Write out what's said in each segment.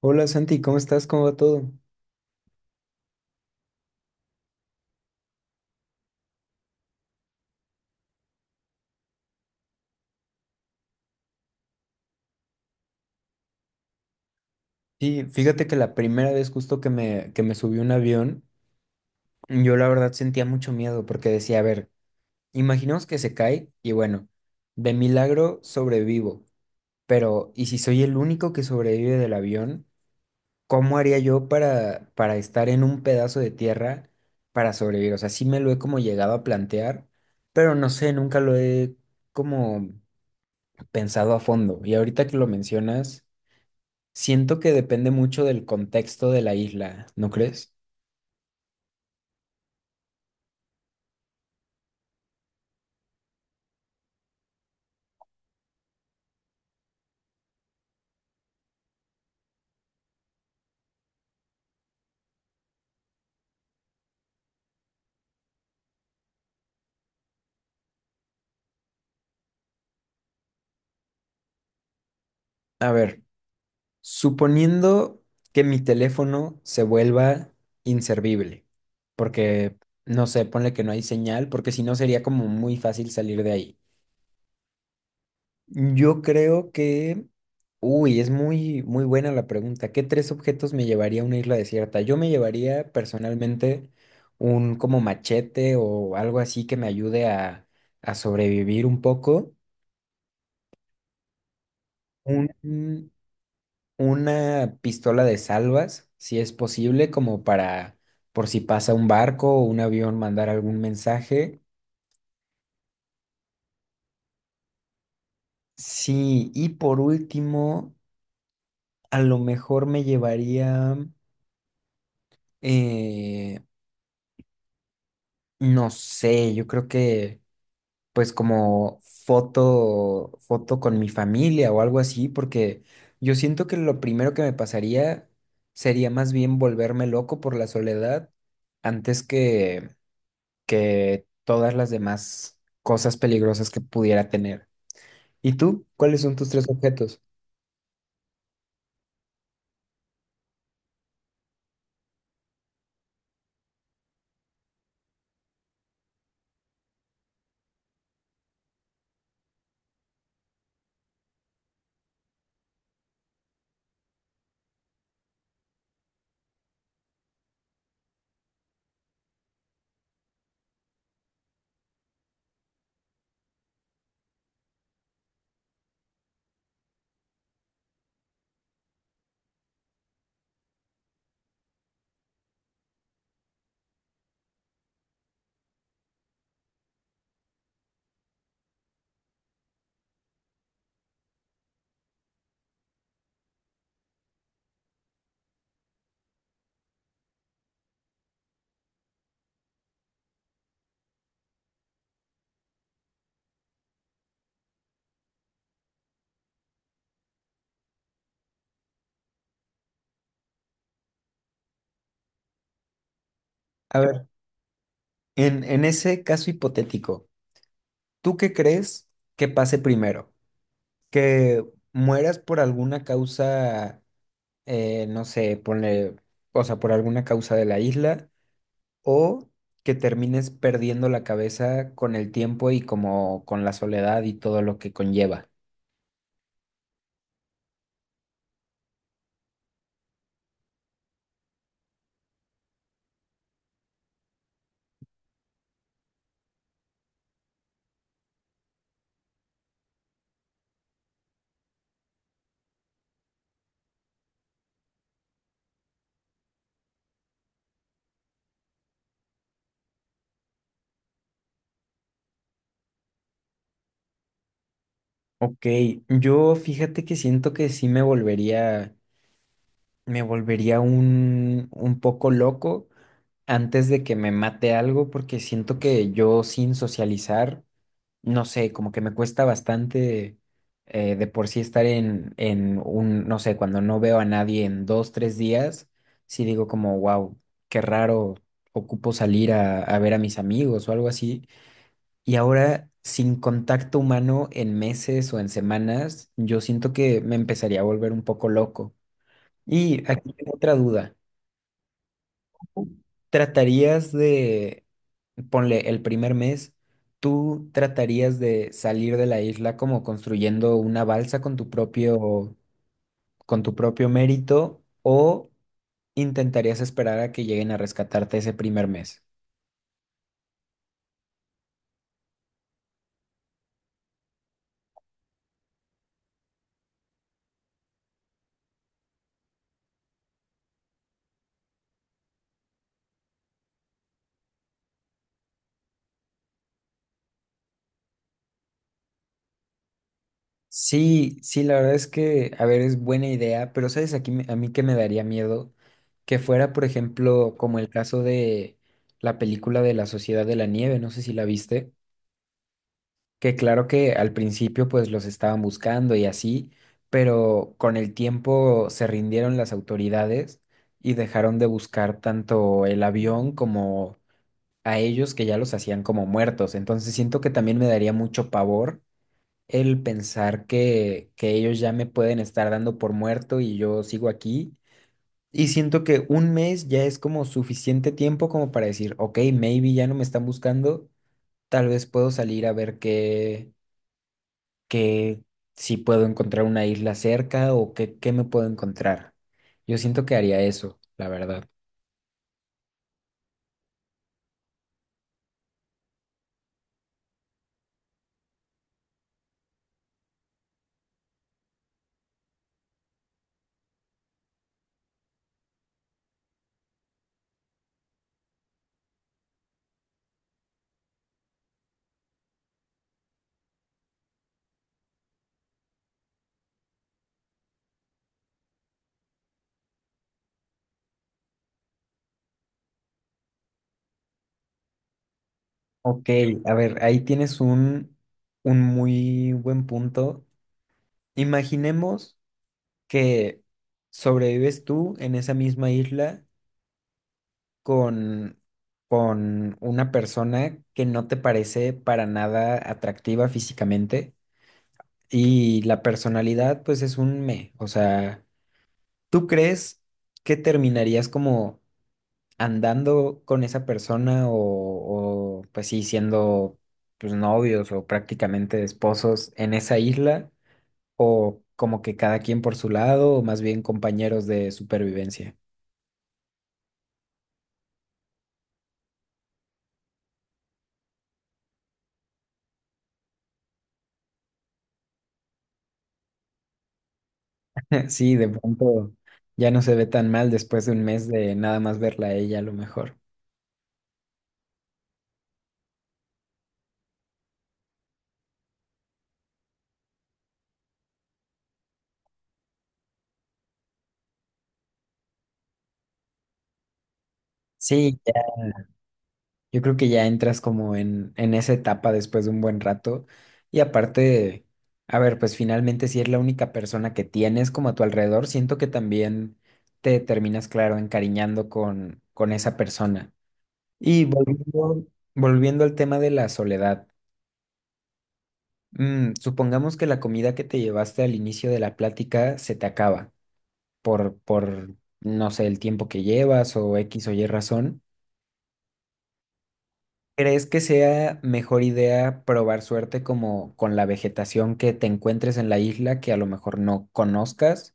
Hola Santi, ¿cómo estás? ¿Cómo va todo? Sí, fíjate que la primera vez justo que me subí a un avión, yo la verdad sentía mucho miedo porque decía, a ver, imaginemos que se cae y bueno, de milagro sobrevivo, pero ¿y si soy el único que sobrevive del avión? ¿Cómo haría yo para estar en un pedazo de tierra para sobrevivir? O sea, sí me lo he como llegado a plantear, pero no sé, nunca lo he como pensado a fondo. Y ahorita que lo mencionas, siento que depende mucho del contexto de la isla, ¿no crees? A ver, suponiendo que mi teléfono se vuelva inservible, porque, no sé, ponle que no hay señal, porque si no sería como muy fácil salir de ahí. Yo creo que, uy, es muy, muy buena la pregunta. ¿Qué tres objetos me llevaría a una isla desierta? Yo me llevaría personalmente un como machete o algo así que me ayude a sobrevivir un poco. Un, una pistola de salvas, si es posible, como para, por si pasa un barco o un avión, mandar algún mensaje. Sí, y por último, a lo mejor me llevaría, eh, no sé, yo creo que pues como foto, foto con mi familia o algo así, porque yo siento que lo primero que me pasaría sería más bien volverme loco por la soledad antes que todas las demás cosas peligrosas que pudiera tener. ¿Y tú? ¿Cuáles son tus tres objetos? A ver, en ese caso hipotético, ¿tú qué crees que pase primero? ¿Que mueras por alguna causa, no sé, ponle, o sea, por alguna causa de la isla, o que termines perdiendo la cabeza con el tiempo y como con la soledad y todo lo que conlleva? Ok, yo fíjate que siento que sí me volvería un poco loco antes de que me mate algo, porque siento que yo sin socializar, no sé, como que me cuesta bastante de por sí estar en un, no sé, cuando no veo a nadie en dos, tres días, sí digo como, wow, qué raro, ocupo salir a ver a mis amigos o algo así. Y ahora, sin contacto humano en meses o en semanas, yo siento que me empezaría a volver un poco loco. Y aquí tengo otra duda. Tratarías de, ponle el primer mes, tú tratarías de salir de la isla como construyendo una balsa con tu propio mérito o intentarías esperar a que lleguen a rescatarte ese primer mes. Sí, sí, la verdad es que, a ver, es buena idea, pero sabes, aquí me- a mí que me daría miedo que fuera, por ejemplo, como el caso de la película de La Sociedad de la Nieve, no sé si la viste. Que claro que al principio pues los estaban buscando y así, pero con el tiempo se rindieron las autoridades y dejaron de buscar tanto el avión como a ellos que ya los hacían como muertos. Entonces siento que también me daría mucho pavor el pensar que ellos ya me pueden estar dando por muerto y yo sigo aquí. Y siento que un mes ya es como suficiente tiempo como para decir, ok, maybe ya no me están buscando, tal vez puedo salir a ver qué que si puedo encontrar una isla cerca o qué, qué me puedo encontrar. Yo siento que haría eso, la verdad. Ok, a ver, ahí tienes un muy buen punto. Imaginemos que sobrevives tú en esa misma isla con, con una persona que no te parece para nada atractiva físicamente y la personalidad pues es un me. O sea, ¿tú crees que terminarías como andando con esa persona o, pues sí, siendo pues novios o prácticamente esposos en esa isla o como que cada quien por su lado o más bien compañeros de supervivencia? Sí, de pronto ya no se ve tan mal después de un mes de nada más verla a ella a lo mejor. Sí, yo creo que ya entras como en esa etapa después de un buen rato. Y aparte, a ver, pues finalmente si es la única persona que tienes como a tu alrededor, siento que también te terminas, claro, encariñando con esa persona. Y volviendo al tema de la soledad, mm, supongamos que la comida que te llevaste al inicio de la plática se te acaba por, no sé, el tiempo que llevas o X o Y razón. ¿Crees que sea mejor idea probar suerte como con la vegetación que te encuentres en la isla que a lo mejor no conozcas?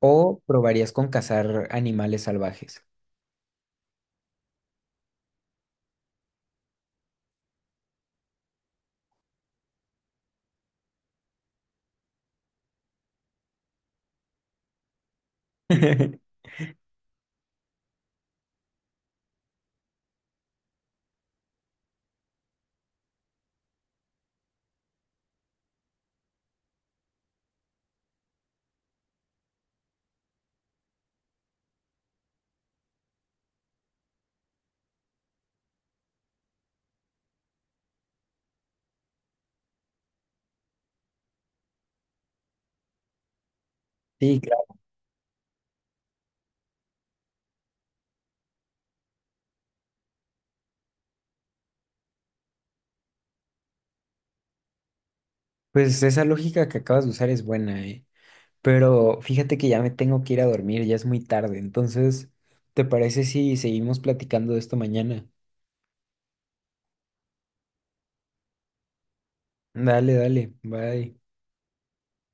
¿O probarías con cazar animales salvajes? Sí, claro. Pues esa lógica que acabas de usar es buena, ¿eh? Pero fíjate que ya me tengo que ir a dormir, ya es muy tarde. Entonces, ¿te parece si seguimos platicando de esto mañana? Dale, dale, bye.